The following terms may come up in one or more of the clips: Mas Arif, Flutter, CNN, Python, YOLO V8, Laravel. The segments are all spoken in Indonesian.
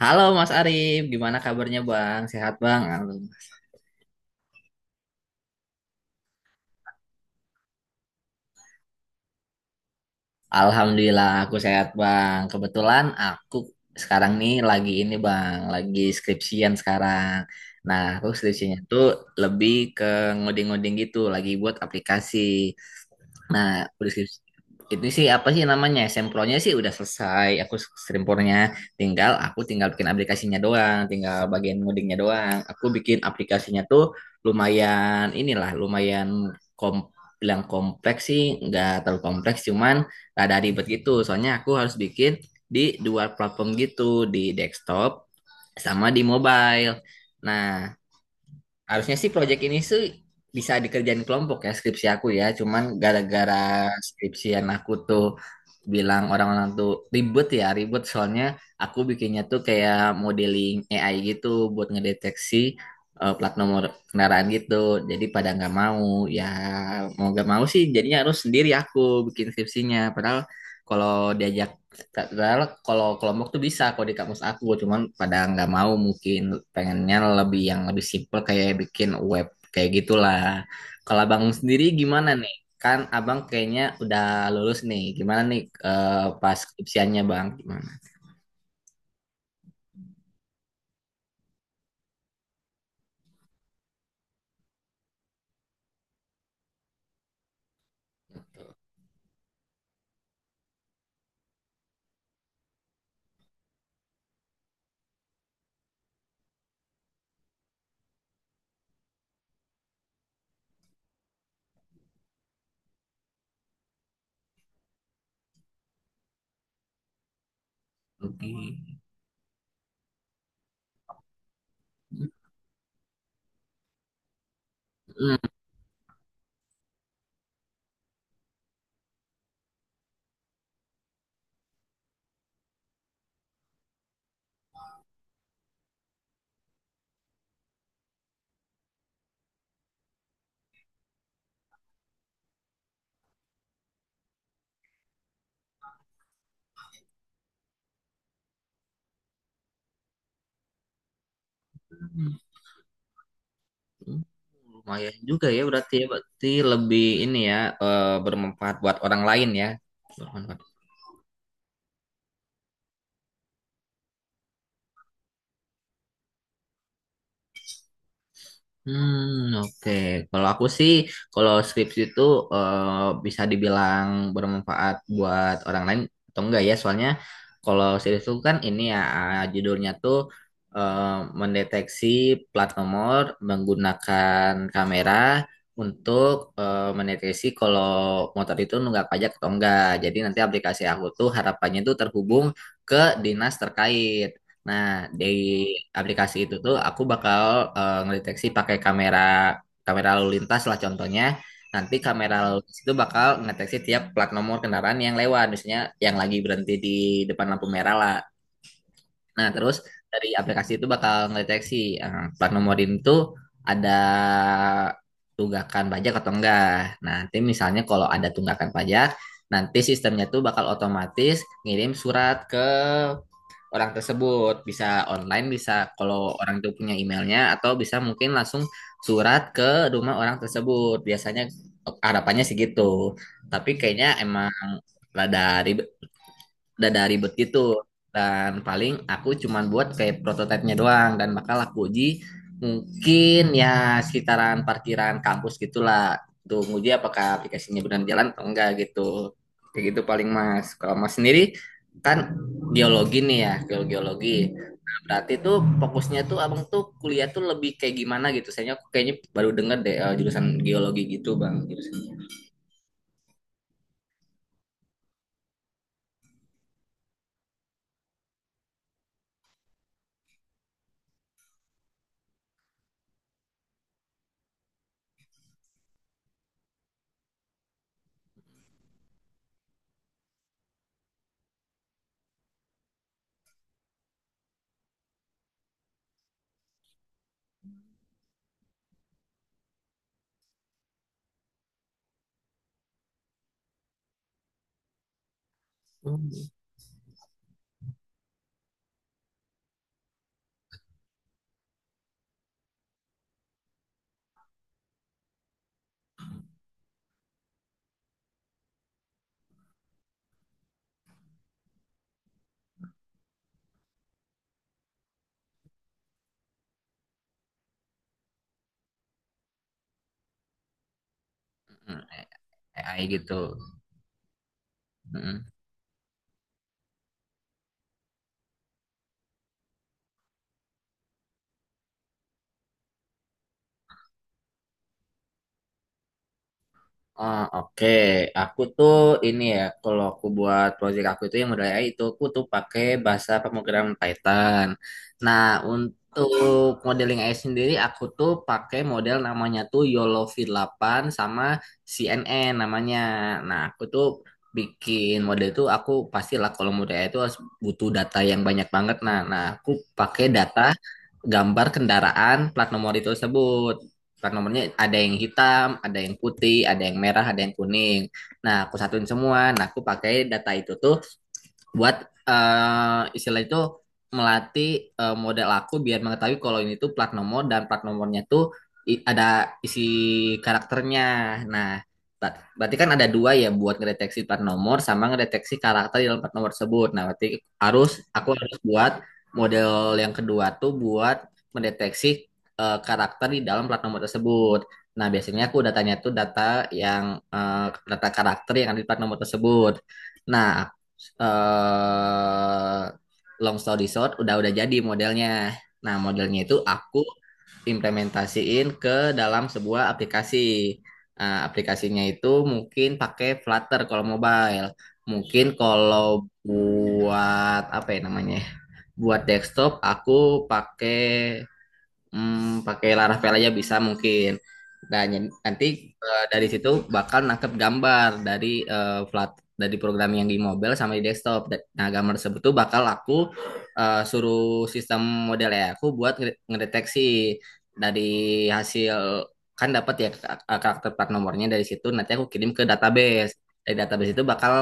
Halo Mas Arif, gimana kabarnya Bang? Sehat Bang? Alhamdulillah aku sehat Bang. Kebetulan aku sekarang nih lagi ini Bang, lagi skripsian sekarang. Nah, aku skripsinya tuh lebih ke ngoding-ngoding gitu, lagi buat aplikasi. Nah, udah skripsi. Itu sih apa sih namanya? Sempronya sih udah selesai. Aku sempronya tinggal, aku tinggal bikin aplikasinya doang, tinggal bagian ngodingnya doang. Aku bikin aplikasinya tuh lumayan inilah, lumayan kom bilang kompleks sih, nggak terlalu kompleks, cuman ada ribet gitu. Soalnya aku harus bikin di dua platform gitu, di desktop sama di mobile. Nah, harusnya sih project ini sih bisa dikerjain kelompok ya, skripsi aku ya. Cuman gara-gara skripsian aku tuh bilang orang-orang tuh ribet ya, ribet soalnya aku bikinnya tuh kayak modeling AI gitu buat ngedeteksi plat nomor kendaraan gitu. Jadi pada nggak mau ya, mau nggak mau sih jadinya harus sendiri aku bikin skripsinya. Kalau diajak Padahal kalau kelompok tuh bisa kalau di kampus aku, cuman pada nggak mau, mungkin pengennya lebih yang lebih simple kayak bikin web kayak gitulah. Kalau abang sendiri gimana nih? Kan abang kayaknya udah lulus nih. Gimana nih eh, pas skripsiannya, bang? Gimana? Oke. Hmm. Lumayan juga ya berarti lebih ini ya, bermanfaat buat orang lain ya. Hmm, oke. Kalau aku sih, kalau skripsi itu eh, bisa dibilang bermanfaat buat orang lain atau enggak ya? Soalnya kalau series itu kan, ini ya, judulnya tuh eh, mendeteksi plat nomor menggunakan kamera untuk mendeteksi kalau motor itu nunggak pajak atau enggak. Jadi nanti aplikasi aku tuh harapannya tuh terhubung ke dinas terkait. Nah, di aplikasi itu tuh aku bakal ngedeteksi pakai kamera kamera lalu lintas lah contohnya. Nanti kamera lalu lintas itu bakal ngedeteksi tiap plat nomor kendaraan yang lewat, misalnya yang lagi berhenti di depan lampu merah lah. Nah, terus dari aplikasi itu bakal ngedeteksi plat nomor itu ada tunggakan pajak atau enggak. Nah, nanti misalnya kalau ada tunggakan pajak, nanti sistemnya tuh bakal otomatis ngirim surat ke orang tersebut. Bisa online, bisa kalau orang itu punya emailnya, atau bisa mungkin langsung surat ke rumah orang tersebut. Biasanya harapannya sih gitu. Tapi kayaknya emang rada ribet, udah dari ribet gitu, dan paling aku cuman buat kayak prototipenya doang dan bakal aku uji mungkin ya sekitaran parkiran kampus gitulah, tuh nguji apakah aplikasinya benar jalan atau enggak gitu, kayak gitu paling mas. Kalau mas sendiri, kan geologi nih ya, geologi geologi berarti tuh fokusnya tuh abang tuh kuliah tuh lebih kayak gimana gitu, saya kayaknya baru denger deh jurusan geologi gitu, bang, jurusannya. Hmm. Hmm, AI gitu. Hmm. Ah, oke. Aku tuh ini ya, kalau aku buat project aku itu yang model AI itu aku tuh pakai bahasa pemrograman Python. Nah, untuk modeling AI sendiri aku tuh pakai model namanya tuh YOLO V8 sama CNN namanya. Nah, aku tuh bikin model itu, aku pastilah kalau model AI itu harus butuh data yang banyak banget. Nah, aku pakai data gambar kendaraan plat nomor itu tersebut, plat nomornya ada yang hitam, ada yang putih, ada yang merah, ada yang kuning. Nah, aku satuin semua. Nah, aku pakai data itu tuh buat istilah itu melatih model aku biar mengetahui kalau ini tuh plat nomor, dan plat nomornya tuh ada isi karakternya. Nah, berarti kan ada dua ya, buat ngedeteksi plat nomor sama ngedeteksi karakter di dalam plat nomor tersebut. Nah, berarti aku harus buat model yang kedua tuh buat mendeteksi karakter di dalam plat nomor tersebut. Nah, biasanya aku datanya tuh data yang eh, data karakter yang ada di plat nomor tersebut. Nah, eh long story short, udah jadi modelnya. Nah, modelnya itu aku implementasiin ke dalam sebuah aplikasi. Nah, aplikasinya itu mungkin pakai Flutter kalau mobile. Mungkin kalau buat apa ya namanya? Buat desktop aku pakai, pakai laravel aja bisa mungkin. Nah, nanti dari situ bakal nangkep gambar dari flat, dari program yang di mobile sama di desktop. Nah, gambar tersebut tuh bakal aku suruh sistem model ya aku buat ngedeteksi dari hasil, kan dapat ya, karakter plat nomornya, dari situ nanti aku kirim ke database. Dari database itu bakal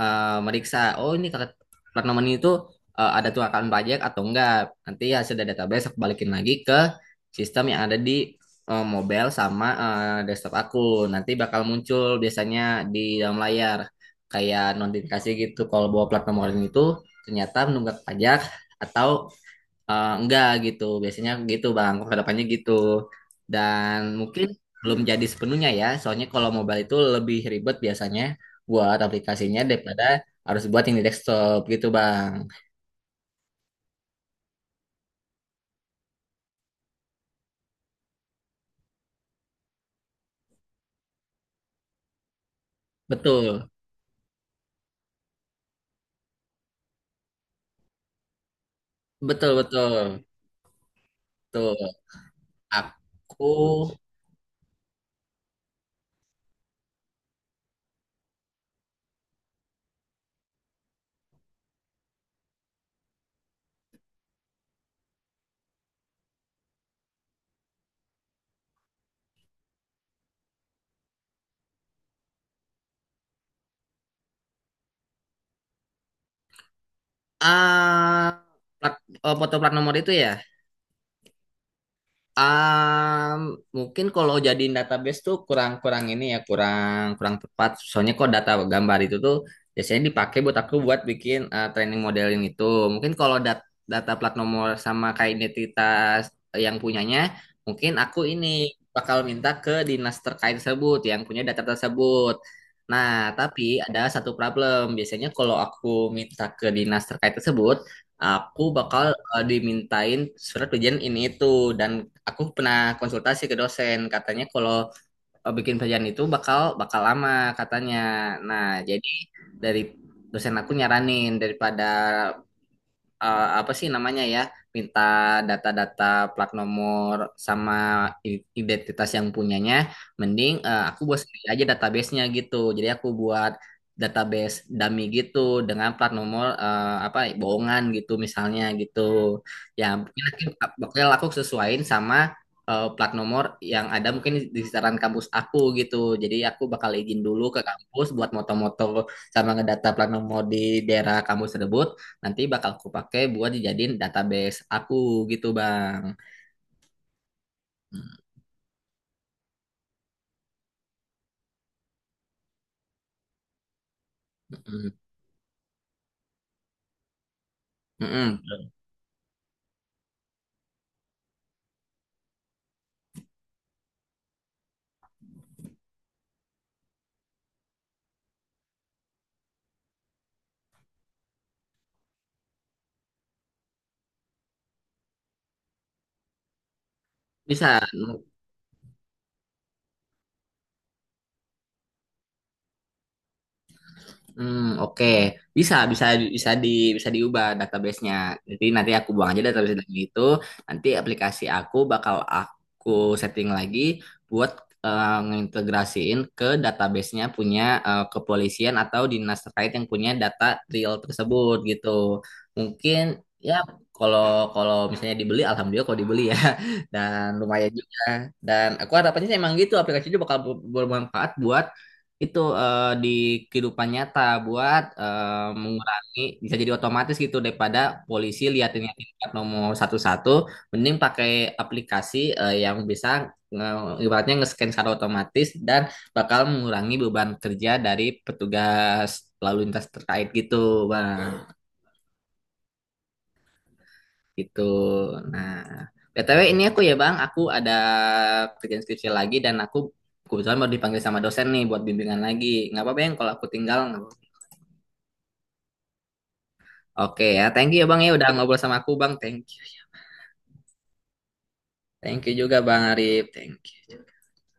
meriksa, oh ini karakter plat nomor ini tuh ada tunggakan pajak atau enggak. Nanti hasil dari database aku balikin lagi ke sistem yang ada di mobile sama desktop aku. Nanti bakal muncul biasanya di dalam layar kayak notifikasi gitu kalau bahwa platform online itu ternyata menunggak pajak atau enggak gitu. Biasanya gitu Bang, kedepannya gitu. Dan mungkin belum jadi sepenuhnya ya, soalnya kalau mobile itu lebih ribet biasanya buat aplikasinya daripada harus buat yang di desktop gitu, Bang. Betul, betul, betul. Betul. aku Ah, plat, foto plat nomor itu ya. Ah, mungkin kalau jadiin database tuh kurang-kurang ini ya, kurang kurang tepat. Soalnya kok data gambar itu tuh biasanya dipakai buat aku buat bikin training modeling itu. Mungkin kalau data plat nomor sama kayak identitas yang punyanya, mungkin aku ini bakal minta ke dinas terkait tersebut yang punya data tersebut. Nah, tapi ada satu problem. Biasanya kalau aku minta ke dinas terkait tersebut, aku bakal dimintain surat ujian ini itu, dan aku pernah konsultasi ke dosen, katanya kalau bikin perjanjian itu bakal bakal lama katanya. Nah, jadi dari dosen aku nyaranin, daripada apa sih namanya ya, minta data-data plat nomor sama identitas yang punyanya, mending aku buat sendiri aja databasenya gitu, jadi aku buat database dummy gitu dengan plat nomor apa bohongan gitu misalnya gitu, ya mungkin bakal aku sesuaiin sama plat nomor yang ada mungkin di sekitaran kampus aku gitu, jadi aku bakal izin dulu ke kampus buat moto-moto sama ngedata plat nomor di daerah kampus tersebut, nanti bakal aku pakai buat dijadiin database aku gitu, bang. Mm, mm, mm, mm. Bisa. Hmm, oke. Bisa, bisa, bisa di, bisa diubah database-nya. Jadi nanti aku buang aja database dari itu. Nanti aplikasi aku bakal aku setting lagi buat ngintegrasiin ke database-nya punya kepolisian atau dinas terkait yang punya data real tersebut gitu. Mungkin ya, kalau kalau misalnya dibeli, alhamdulillah kalau dibeli ya. Dan lumayan juga. Dan aku harapannya sih emang gitu, aplikasi itu bakal bermanfaat buat itu di kehidupan nyata, buat mengurangi, bisa jadi otomatis gitu daripada polisi liatin liatin plat nomor satu-satu, mending pakai aplikasi yang bisa ibaratnya nge-scan secara otomatis, dan bakal mengurangi beban kerja dari petugas lalu lintas terkait gitu, bang. Gitu. Nah, BTW ini aku ya, bang, aku ada kerjaan skripsi lagi, dan aku kebetulan baru dipanggil sama dosen nih buat bimbingan lagi. Nggak apa-apa yang kalau aku tinggal, nggak? Oke ya, thank you ya Bang, ya udah ngobrol sama aku, Bang. Thank you. Thank you juga Bang Arif. Thank you.